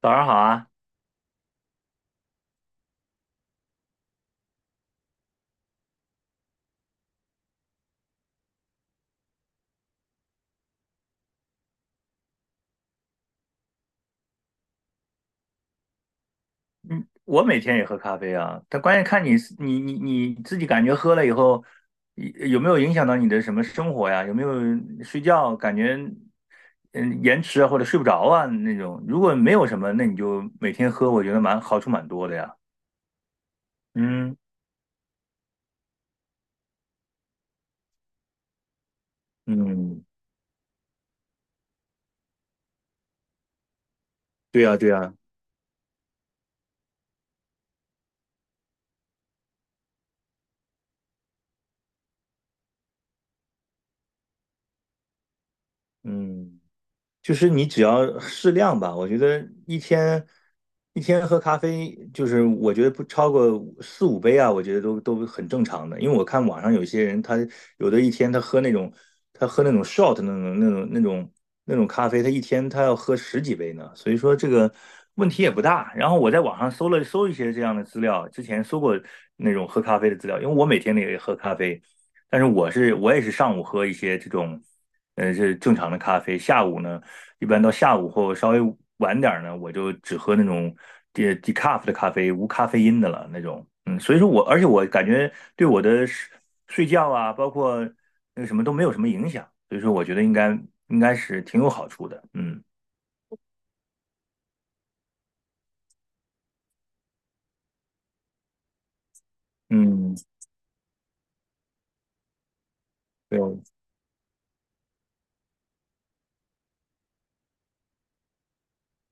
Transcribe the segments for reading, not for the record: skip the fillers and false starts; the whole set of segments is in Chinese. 早上好啊。嗯，我每天也喝咖啡啊，但关键看你是你你你自己感觉喝了以后，有没有影响到你的什么生活呀？有没有睡觉感觉嗯延迟啊或者睡不着啊那种？如果没有什么，那你就每天喝，我觉得蛮好处蛮多的呀。嗯嗯，对呀对呀，嗯。就是你只要适量吧，我觉得一天喝咖啡，就是我觉得不超过四五杯啊，我觉得都很正常的。因为我看网上有些人，他有的一天他喝那种 shot 那种咖啡，他一天要喝十几杯呢，所以说这个问题也不大。然后我在网上搜了搜一些这样的资料，之前搜过那种喝咖啡的资料，因为我每天也喝咖啡，但是我也是上午喝一些这种。是正常的咖啡。下午呢，一般到下午或稍微晚点儿呢，我就只喝那种 decaf 的咖啡，无咖啡因的了那种。嗯，所以说我，而且我感觉对我的睡觉啊，包括那个什么都没有什么影响，所以说我觉得应该是挺有好处的。嗯嗯，对，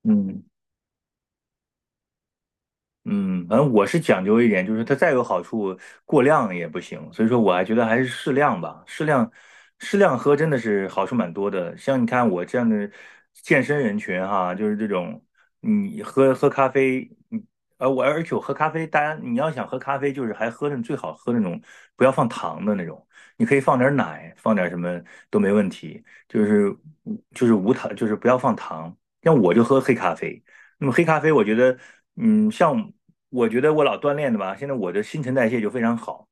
嗯。嗯，反正我是讲究一点，就是它再有好处，过量也不行。所以说，我还觉得还是适量吧，适量，适量喝真的是好处蛮多的。像你看我这样的健身人群哈，就是这种，你喝咖啡，而且我喝咖啡，大家你要想喝咖啡，就是还喝那最好喝那种不要放糖的那种，你可以放点奶，放点什么都没问题，就是就是无糖，就是不要放糖。像我就喝黑咖啡。那么黑咖啡，我觉得，像我觉得我老锻炼的吧，现在我的新陈代谢就非常好。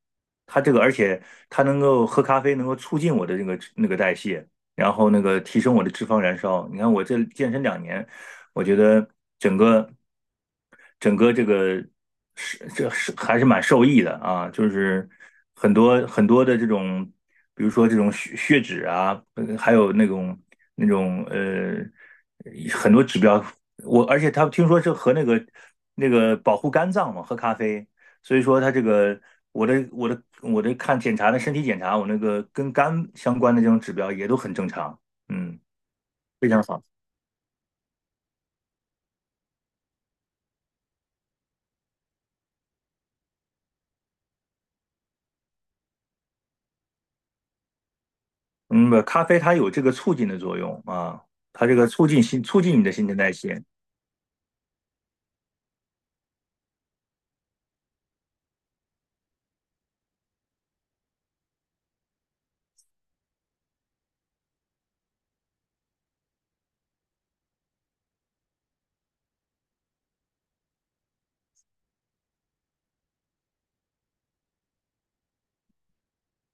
它这个，而且它能够喝咖啡，能够促进我的那个代谢，然后那个提升我的脂肪燃烧。你看我这健身2年，我觉得整个整个这个是这是还是蛮受益的啊，就是很多很多的这种，比如说这种血脂啊，还有那种那种呃很多指标，而且他听说是和那个保护肝脏嘛，喝咖啡，所以说他这个我的看检查的身体检查，我那个跟肝相关的这种指标也都很正常，嗯，非常好。嗯，不，咖啡它有这个促进的作用啊，它这个促进你的新陈代谢。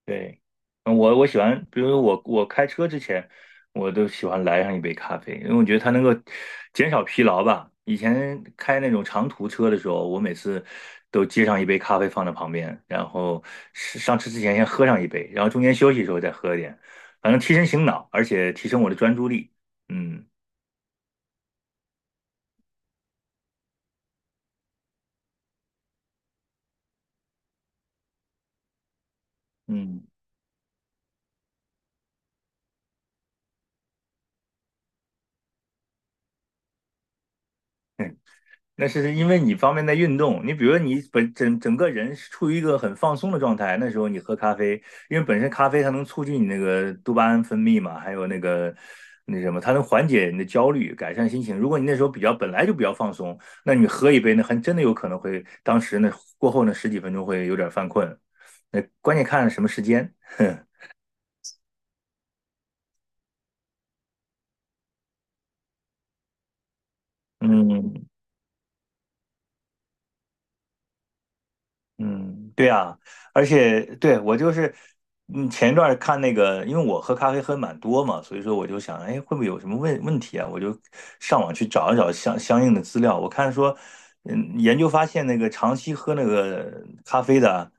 对。我喜欢，比如说我开车之前，我都喜欢来上一杯咖啡，因为我觉得它能够减少疲劳吧。以前开那种长途车的时候，我每次都接上一杯咖啡放在旁边，然后是上车之前先喝上一杯，然后中间休息的时候再喝一点，反正提神醒脑，而且提升我的专注力。嗯嗯。那是因为你方面在运动，你比如说你整个人是处于一个很放松的状态，那时候你喝咖啡，因为本身咖啡它能促进你那个多巴胺分泌嘛，还有那个那什么，它能缓解你的焦虑，改善心情。如果你那时候比较本来就比较放松，那你喝一杯，那还真的有可能会当时那过后那十几分钟会有点犯困，那关键看什么时间。嗯嗯，对啊，而且对我就是，前一段儿看那个，因为我喝咖啡喝蛮多嘛，所以说我就想，哎，会不会有什么问题啊？我就上网去找一找相应的资料。我看说，研究发现那个长期喝那个咖啡的啊，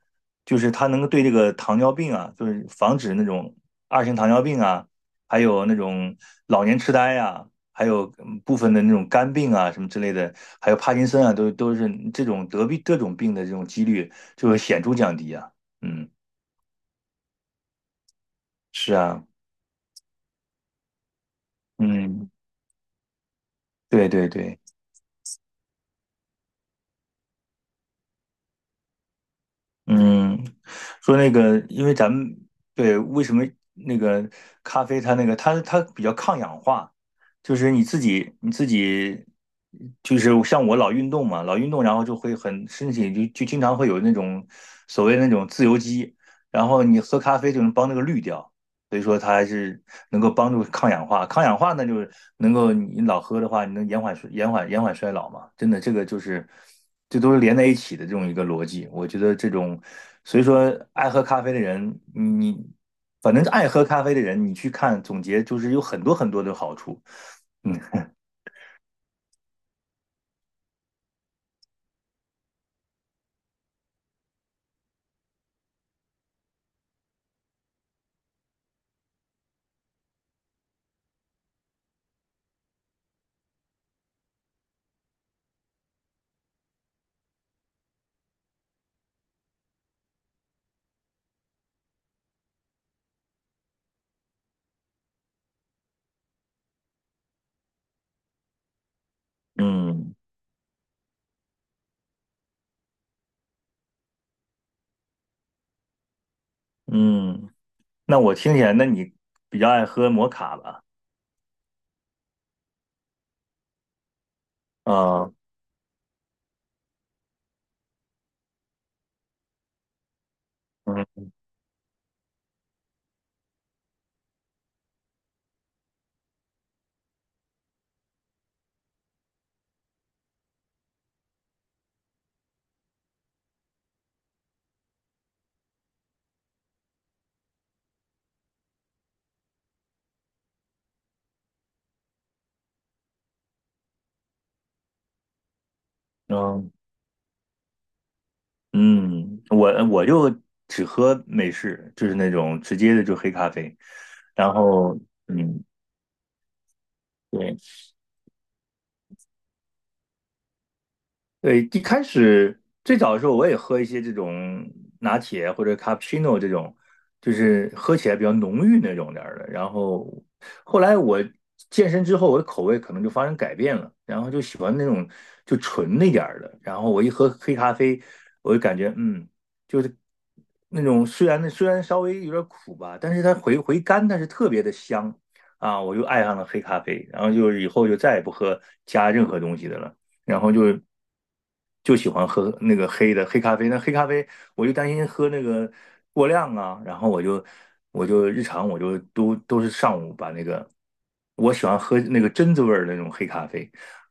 就是它能够对这个糖尿病啊，就是防止那种2型糖尿病啊，还有那种老年痴呆啊，还有部分的那种肝病啊什么之类的，还有帕金森啊，都是这种得病这种病的这种几率。就会显著降低啊。嗯，是啊，嗯，对对对。嗯，说那个，因为咱们，对，为什么那个咖啡它那个它比较抗氧化，就是你自己就是像我老运动嘛，老运动然后就会很身体就经常会有那种所谓那种自由基，然后你喝咖啡就能帮那个滤掉。所以说它还是能够帮助抗氧化。抗氧化呢，就是能够你老喝的话，你能延缓衰老嘛？真的，这个就是这都是连在一起的这种一个逻辑。我觉得这种，所以说爱喝咖啡的人，你反正爱喝咖啡的人，你去看总结，就是有很多很多的好处。嗯嗯嗯。那我听起来，那你比较爱喝摩卡吧？啊，嗯嗯。嗯，我就只喝美式，就是那种直接的就黑咖啡，然后嗯，对，对，一开始最早的时候，我也喝一些这种拿铁或者 cappuccino 这种，就是喝起来比较浓郁那种点儿的。然后后来我健身之后，我的口味可能就发生改变了，然后就喜欢那种就纯那点儿的。然后我一喝黑咖啡，我就感觉就是那种虽然稍微有点苦吧，但是它回甘，但是特别的香啊，我就爱上了黑咖啡。然后就以后就再也不喝加任何东西的了。然后就喜欢喝那个黑咖啡。那黑咖啡我就担心喝那个过量啊，然后我就日常我就都是上午把那个，我喜欢喝那个榛子味儿的那种黑咖啡，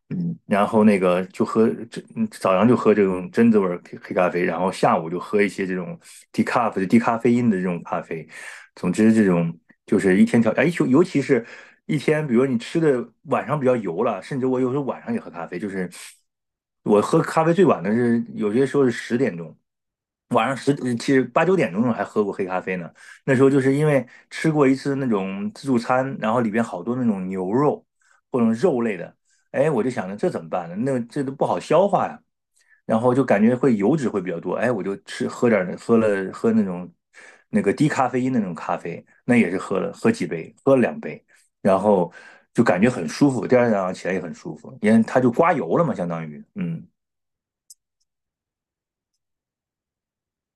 然后那个就喝这早上就喝这种榛子味儿黑咖啡，然后下午就喝一些这种低咖啡因的这种咖啡。总之，这种就是一天调，哎，尤其是一天，比如你吃的晚上比较油了，甚至我有时候晚上也喝咖啡，就是我喝咖啡最晚的是有些时候是10点钟，晚上,其实八九点钟还喝过黑咖啡呢。那时候就是因为吃过一次那种自助餐，然后里边好多那种牛肉或者肉类的，哎，我就想着这怎么办呢？那这都不好消化呀。然后就感觉会油脂会比较多，哎，我就吃喝点儿喝了喝那种那个低咖啡因的那种咖啡，那也是喝了2杯，然后就感觉很舒服，第二天早上起来也很舒服，因为它就刮油了嘛，相当于。嗯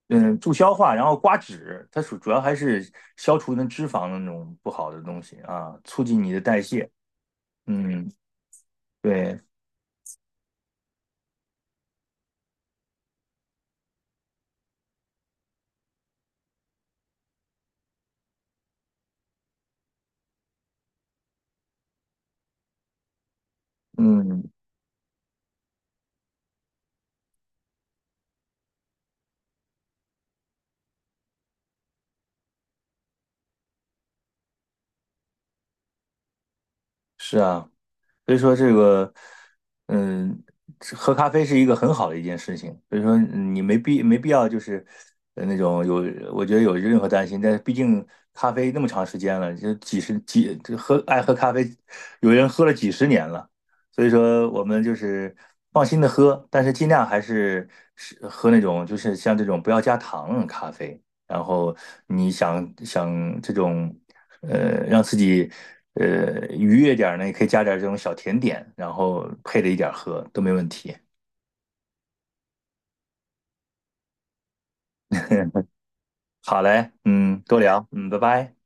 嗯，助消化，然后刮脂，它主要还是消除那脂肪的那种不好的东西啊，促进你的代谢。嗯，对，嗯，是啊。所以说这个，嗯，这喝咖啡是一个很好的一件事情。所以说你没必要就是那种，有，我觉得有任何担心。但是毕竟咖啡那么长时间了，就几十几这喝爱喝咖啡，有人喝了几十年了。所以说我们就是放心的喝，但是尽量还是喝那种就是像这种不要加糖的咖啡。然后你想想这种。让自己愉悦点儿呢，也可以加点儿这种小甜点，然后配着一点儿喝都没问题。好嘞，嗯，多聊，嗯，拜拜。